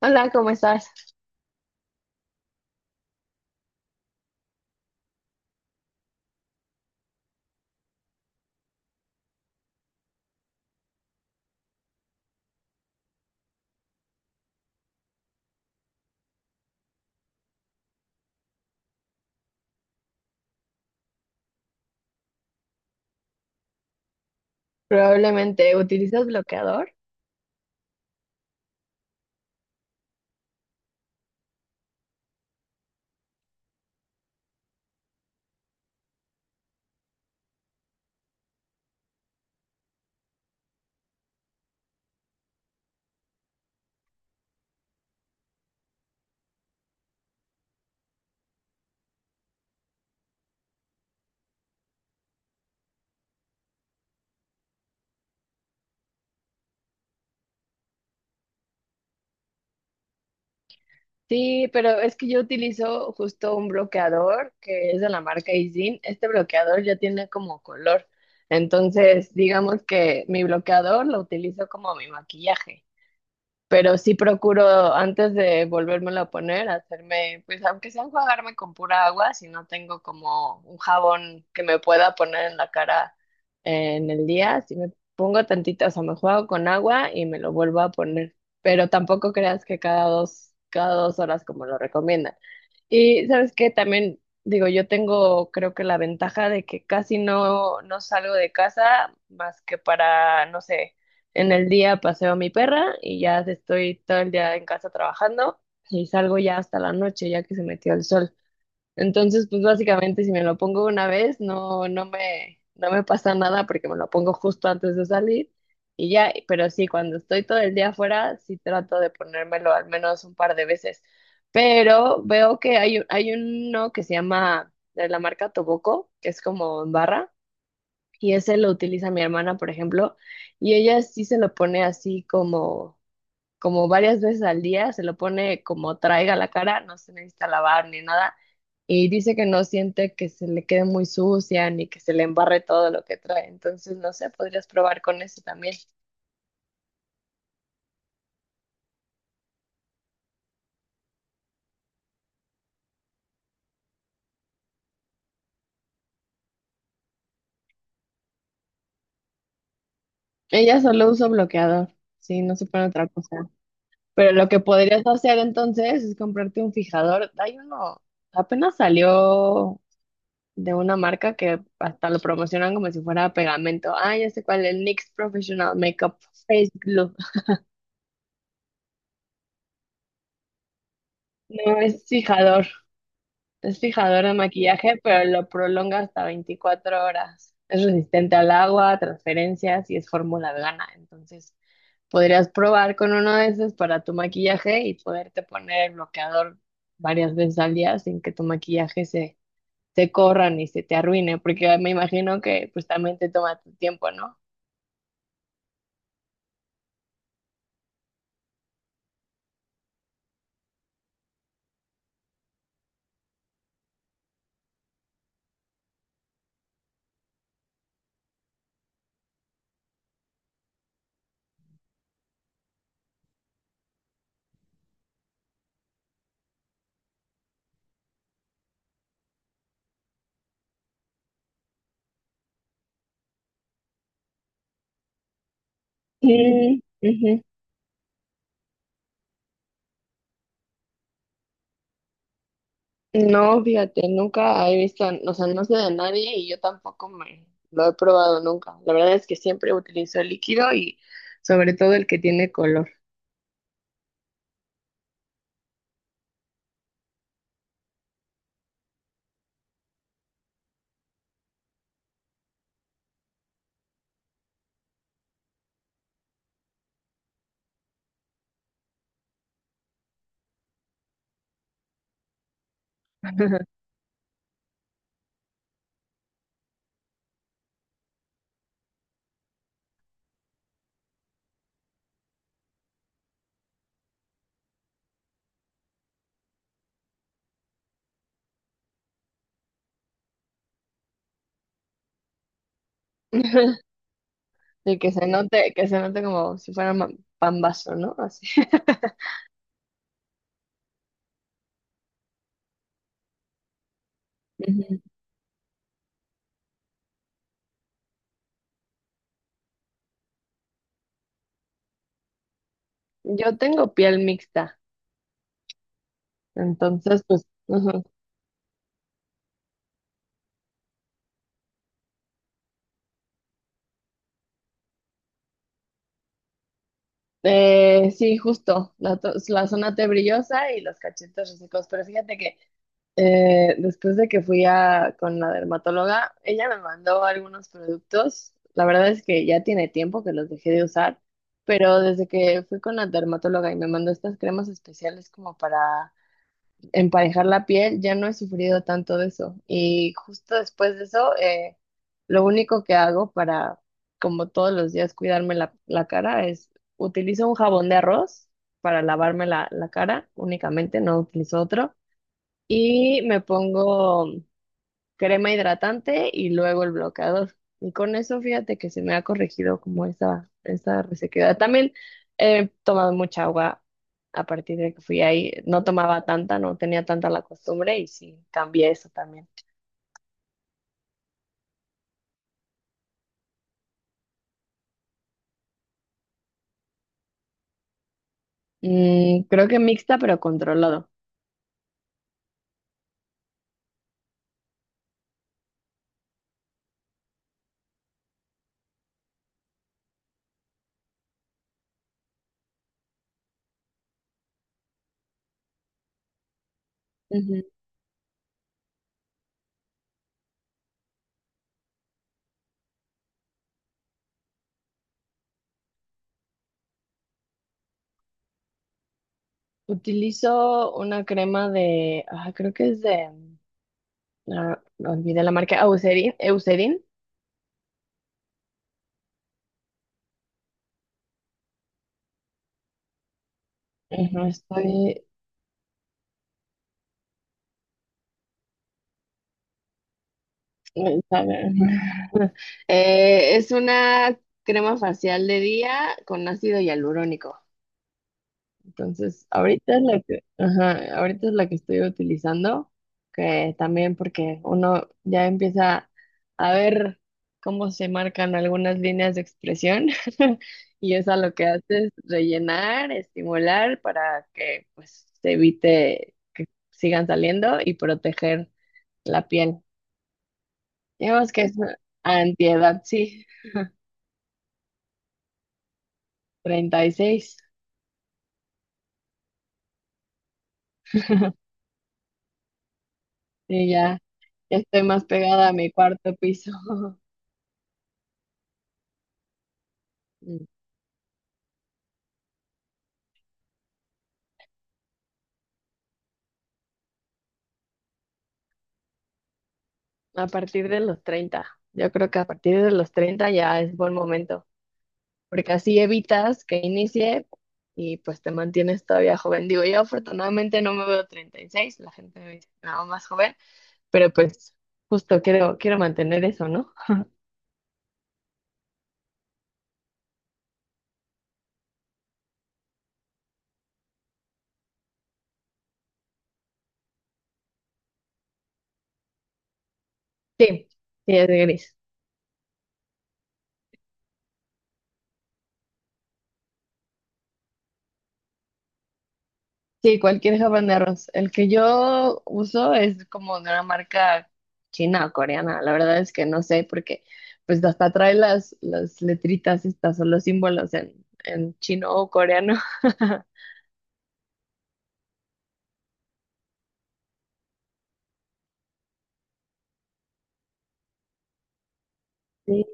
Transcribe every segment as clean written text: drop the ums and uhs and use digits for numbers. Hola, ¿cómo estás? Probablemente utilizas bloqueador. Sí, pero es que yo utilizo justo un bloqueador que es de la marca Izin. Este bloqueador ya tiene como color. Entonces, digamos que mi bloqueador lo utilizo como mi maquillaje. Pero sí procuro antes de volvérmelo a poner, hacerme, pues aunque sea enjuagarme con pura agua, si no tengo como un jabón que me pueda poner en la cara, en el día, si me pongo tantita, o sea, me juego con agua y me lo vuelvo a poner, pero tampoco creas que cada dos horas como lo recomiendan. Y sabes que también digo, yo tengo, creo que la ventaja de que casi no, no salgo de casa más que para, no sé, en el día paseo a mi perra y ya estoy todo el día en casa trabajando y salgo ya hasta la noche, ya que se metió el sol. Entonces, pues básicamente si me lo pongo una vez, no, no me, no me pasa nada porque me lo pongo justo antes de salir y ya. Pero sí, cuando estoy todo el día afuera, sí trato de ponérmelo al menos un par de veces. Pero veo que hay uno que se llama de la marca Toboco, que es como en barra, y ese lo utiliza mi hermana, por ejemplo, y ella sí se lo pone así como, como varias veces al día, se lo pone como traiga la cara, no se necesita lavar ni nada, y dice que no siente que se le quede muy sucia ni que se le embarre todo lo que trae. Entonces, no sé, podrías probar con eso también. Ella solo usa bloqueador, sí, no se pone otra cosa. Pero lo que podrías hacer entonces es comprarte un fijador. Hay uno, apenas salió de una marca que hasta lo promocionan como si fuera pegamento. Ah, ya sé cuál, el NYX Professional Makeup Face Glue. No, es fijador de maquillaje, pero lo prolonga hasta 24 horas. Es resistente al agua, a transferencias y es fórmula vegana. Entonces, podrías probar con uno de esos para tu maquillaje y poderte poner el bloqueador varias veces al día sin que tu maquillaje se, se corra ni se te arruine, porque me imagino que pues también te toma tu tiempo, ¿no? Mm, ujú. No, fíjate, nunca he visto, o sea, no sé de nadie y yo tampoco me lo he probado nunca. La verdad es que siempre utilizo el líquido y sobre todo el que tiene color. El que se note como si fuera pambazo, ¿no? Así. Ujú. Yo tengo piel mixta, entonces pues, ujú. Sí, justo, la zona T brillosa y los cachetes resecos, pero fíjate que, después de que fui a, con la dermatóloga, ella me mandó algunos productos. La verdad es que ya tiene tiempo que los dejé de usar, pero desde que fui con la dermatóloga y me mandó estas cremas especiales como para emparejar la piel, ya no he sufrido tanto de eso. Y justo después de eso, lo único que hago para, como todos los días, cuidarme la cara es utilizo un jabón de arroz para lavarme la cara únicamente, no utilizo otro. Y me pongo crema hidratante y luego el bloqueador. Y con eso, fíjate que se me ha corregido como esa resequedad. También he tomado mucha agua a partir de que fui ahí. No tomaba tanta, no tenía tanta la costumbre y sí, cambié eso también. Creo que mixta, pero controlado. Ujú. Utilizo una crema de, creo que es de, olvidé la marca, Eucerin. Eucerin. Ujú. Es una crema facial de día con ácido hialurónico. Entonces, ahorita es la que, ajá, ahorita es la que estoy utilizando, que también porque uno ya empieza a ver cómo se marcan algunas líneas de expresión. Y eso lo que hace es rellenar, estimular para que pues se evite que sigan saliendo y proteger la piel. Digamos que es una antiedad, sí. 36. Sí, ya, ya estoy más pegada a mi cuarto piso. Mm, A partir de los 30, yo creo que a partir de los 30 ya es buen momento, porque así evitas que inicie y pues te mantienes todavía joven. Digo, yo afortunadamente no me veo 36, la gente me dice no, más joven, pero pues justo quiero, quiero mantener eso, ¿no? Sí, sí, es gris. Sí, cualquier habaneros. El que yo uso es como de una marca china o coreana. La verdad es que no sé porque pues hasta trae las letritas estas o los símbolos en chino o coreano. Sí.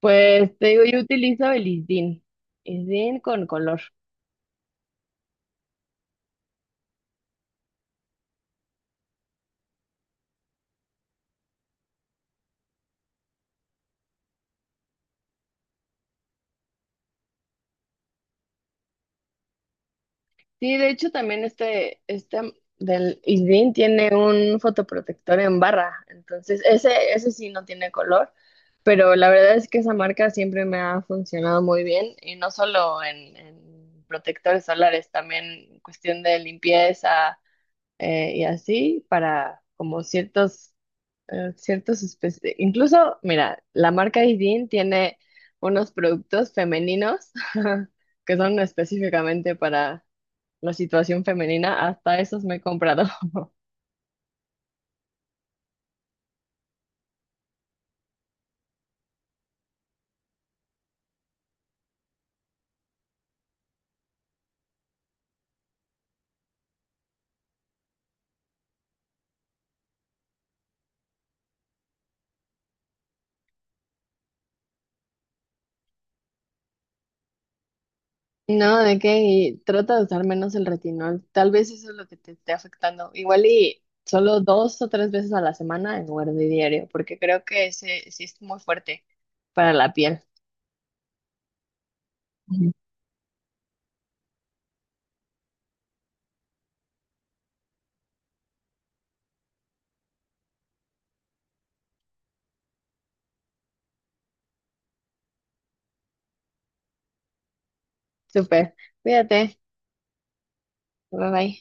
Pues te digo, yo utilizo el ISDIN. ISDIN con color. Sí, de hecho también este del ISDIN tiene un fotoprotector en barra, entonces ese sí no tiene color, pero la verdad es que esa marca siempre me ha funcionado muy bien y no solo en protectores solares, también en cuestión de limpieza, y así para como ciertos, ciertas especies. Incluso, mira, la marca Idin tiene unos productos femeninos que son específicamente para la situación femenina. Hasta esos me he comprado. No, de qué, y trata de usar menos el retinol. Tal vez eso es lo que te esté afectando. Igual y solo dos o tres veces a la semana en lugar de diario, porque creo que ese sí es muy fuerte para la piel. Ujú. Súper. Cuídate. Bye bye.